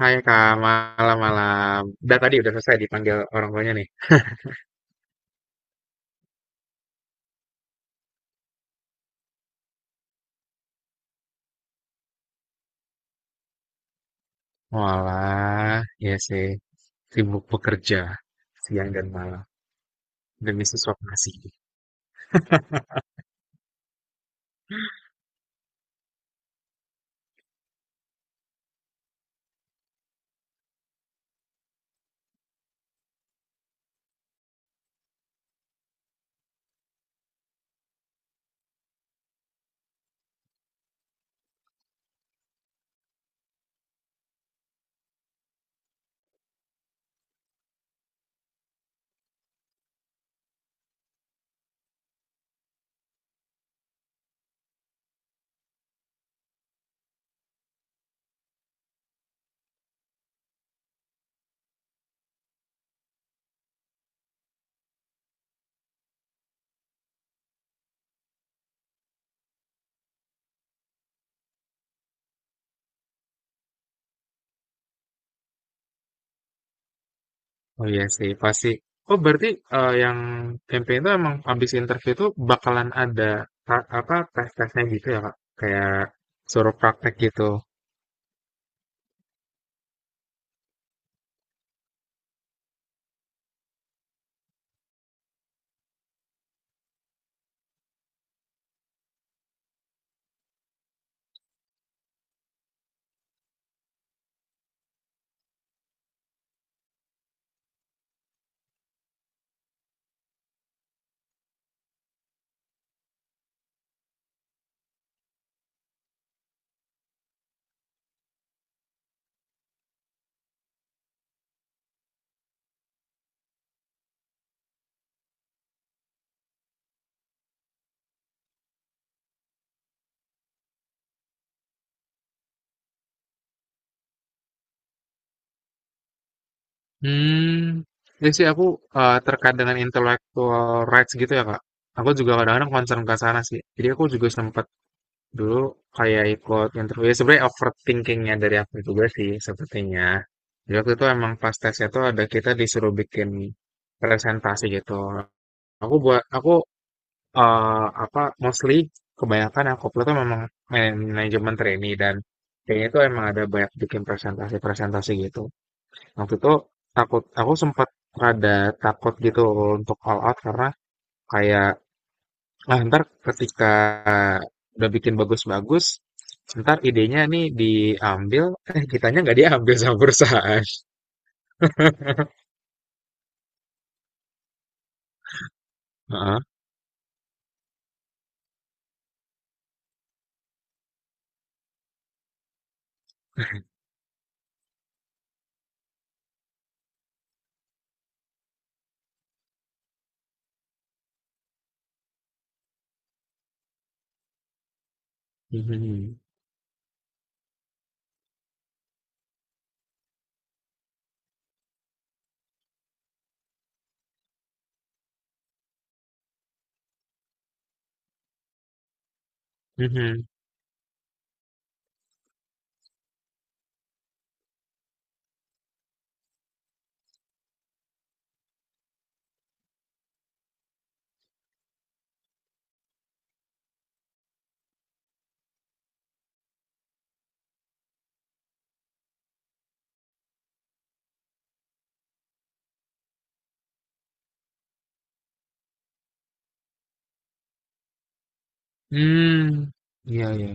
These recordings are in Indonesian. Hai Kak, malam-malam. Udah tadi selesai dipanggil orang tuanya nih. Walah, ya sih. Sibuk bekerja siang dan malam demi sesuap nasi. Oh iya sih, pasti. Oh berarti yang campaign itu emang habis interview itu bakalan ada apa tes-tesnya gitu ya Kak? Kayak suruh praktek gitu. Hmm, ya sih aku terkait dengan intellectual rights gitu ya Kak. Aku juga kadang-kadang concern ke sana sih. Jadi aku juga sempat dulu kayak ikut interview, ya sebenarnya overthinkingnya dari aku juga sih sepertinya. Jadi waktu itu emang pas tesnya tuh ada, kita disuruh bikin presentasi gitu. Aku buat aku eh, apa mostly kebanyakan aku upload tuh memang manajemen trainee, dan kayaknya itu emang ada banyak bikin presentasi-presentasi gitu waktu itu. Takut, aku sempat ada takut gitu untuk all out, karena kayak, nah, ntar ketika udah bikin bagus-bagus, ntar idenya nih diambil, eh kitanya nggak diambil sama perusahaan. Heeh. Mhm. Mhm. Hmm. Iya, iya.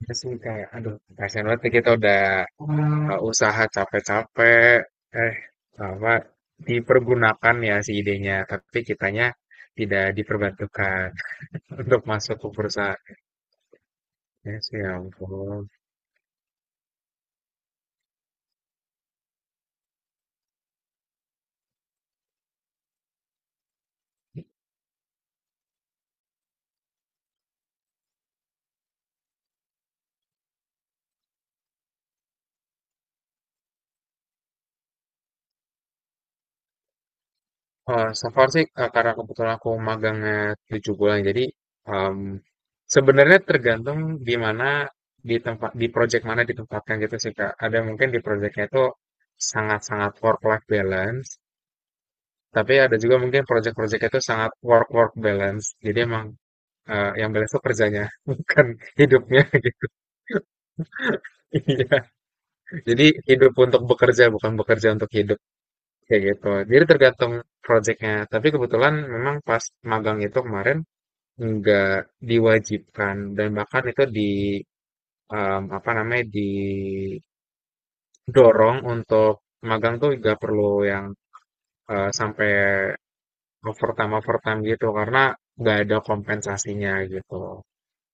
Terus ini kayak, aduh, kasihan banget nih kita udah usaha capek-capek, eh, apa, dipergunakan ya si idenya, tapi kitanya tidak diperbantukan untuk masuk ke perusahaan. Ya, sih, ya ampun. So far sih, karena kebetulan aku magangnya 7 bulan. Jadi, mmm, sebenarnya tergantung di mana, di tempat, di project mana ditempatkan gitu sih, Kak. Ada mungkin di project itu sangat-sangat work life balance, tapi ada juga mungkin project project itu sangat work work balance. Jadi emang, yang balance itu kerjanya, bukan hidupnya gitu. Iya, jadi hidup untuk bekerja, bukan bekerja untuk hidup, kayak gitu. Jadi tergantung project. Tapi kebetulan memang pas magang itu kemarin, nggak diwajibkan, dan bahkan itu di em, apa namanya didorong untuk magang tuh nggak perlu yang sampai overtime overtime gitu, karena nggak ada kompensasinya gitu.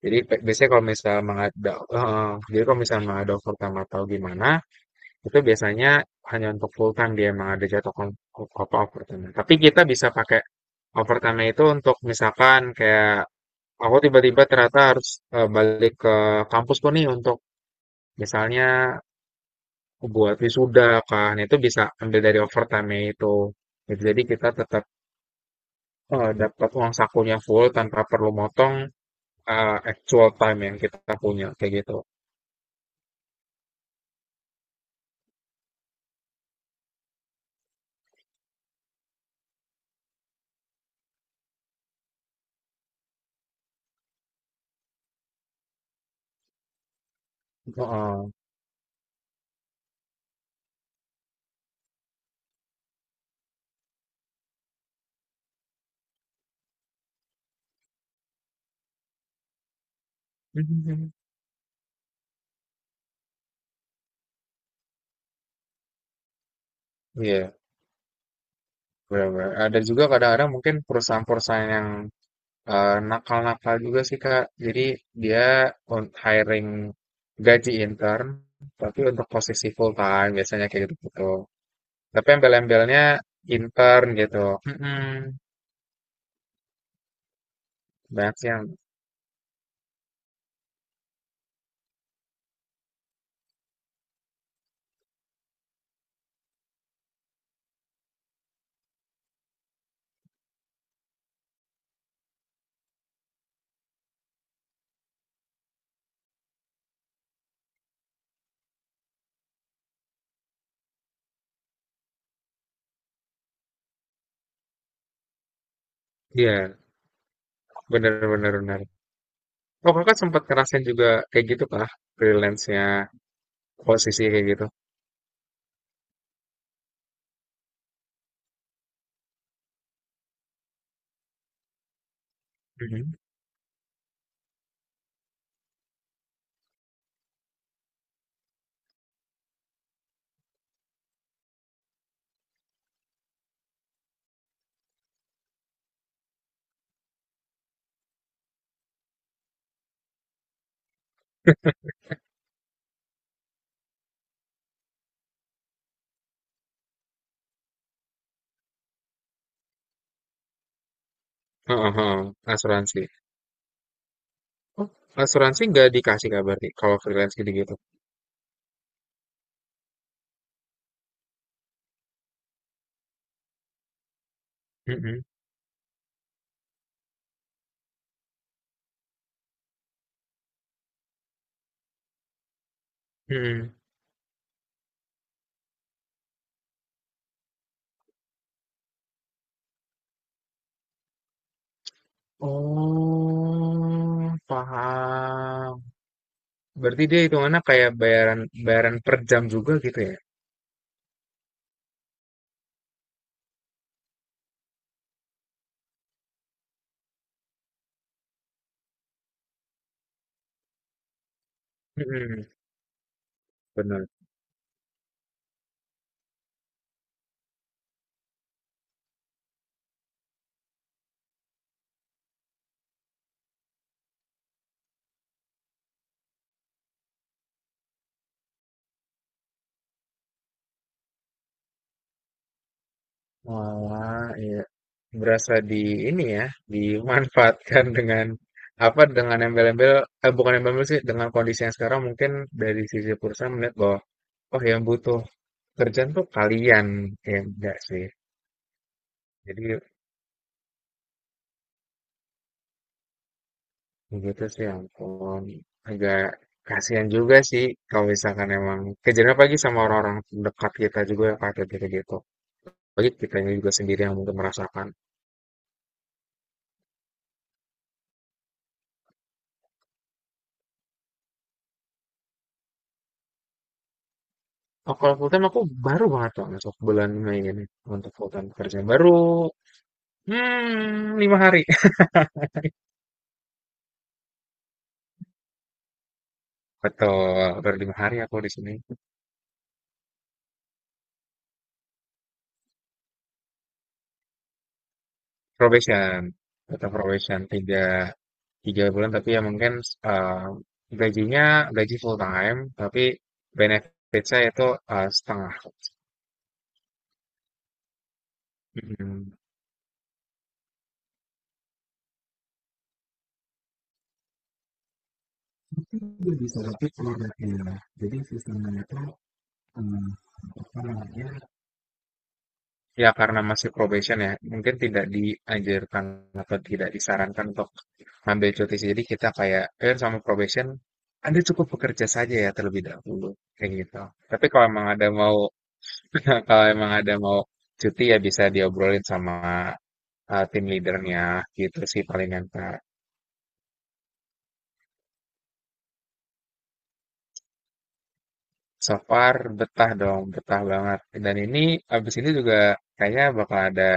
Jadi biasanya kalau misalnya jadi kalau misalnya mengada overtime atau gimana, itu biasanya hanya untuk full time, dia emang ada jatuh kom- apa overtime. Tapi kita bisa pakai overtime itu untuk misalkan kayak aku tiba-tiba ternyata harus balik ke kampus tuh nih untuk misalnya buat wisuda, kan itu bisa ambil dari overtime itu. Gitu, jadi kita tetap dapat uang sakunya full, tanpa perlu motong actual time yang kita punya kayak gitu. Heeh. Iya, benar-benar ada juga kadang-kadang mungkin perusahaan-perusahaan yang nakal-nakal juga sih Kak. Jadi dia on hiring gaji intern, tapi untuk posisi full time biasanya kayak gitu-gitu. Tapi embel-embelnya intern gitu. Mm-mm. Banyak sih yang, iya, bener-bener bener. Oh kakak sempat ngerasain juga kayak gitu kah? Freelance-nya posisi kayak gitu. Mhm. Heeh, heeh. Asuransi. Oh, asuransi nggak dikasih kabar berarti kalau freelance gitu-gitu. Mm-mm. Oh, paham. Berarti dia hitungannya kayak bayaran, bayaran per jam juga gitu ya? Mm-mm, benar. Wah, iya. Berasa di ini ya, dimanfaatkan dengan apa, dengan embel-embel, eh, bukan embel-embel sih, dengan kondisi yang sekarang mungkin dari sisi perusahaan melihat bahwa oh, yang butuh kerjaan tuh kalian, ya enggak sih. Jadi begitu sih, ya ampun. Agak kasihan juga sih kalau misalkan emang kejadian pagi sama orang-orang dekat kita juga yang kayak gitu-gitu. Bagi kitanya juga sendiri yang mungkin merasakan. Oh, kalau full time aku baru banget loh masuk bulan Mei ini untuk full time kerja. Baru 5 hari. Betul, baru 5 hari aku di sini. Probation, tetap probation tiga 3 bulan, tapi ya mungkin eh, gajinya gaji full time, tapi benefit saya itu setengah. Mhm. Mungkin juga bisa tapi produknya. Jadi sistemnya itu eh, apa namanya? Ya karena masih probation ya, mungkin tidak dianjurkan atau tidak disarankan untuk ambil cuti. Jadi kita kayak, eh sama probation, Anda cukup bekerja saja ya terlebih dahulu, kayak gitu. Tapi kalau emang ada mau, kalau emang ada mau cuti, ya bisa diobrolin sama tim leadernya gitu sih palingan Kak. So far betah dong, betah banget. Dan ini abis ini juga kayaknya bakal ada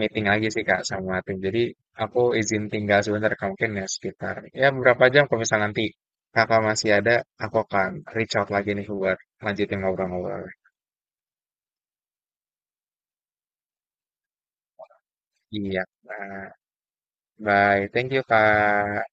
meeting lagi sih Kak sama tim. Jadi aku izin tinggal sebentar Kak, mungkin ya sekitar ya beberapa jam. Kalau misal nanti Kakak masih ada, aku akan reach out lagi nih buat lanjutin ngobrol-ngobrol. Iya, nah, bye. Thank you Kak.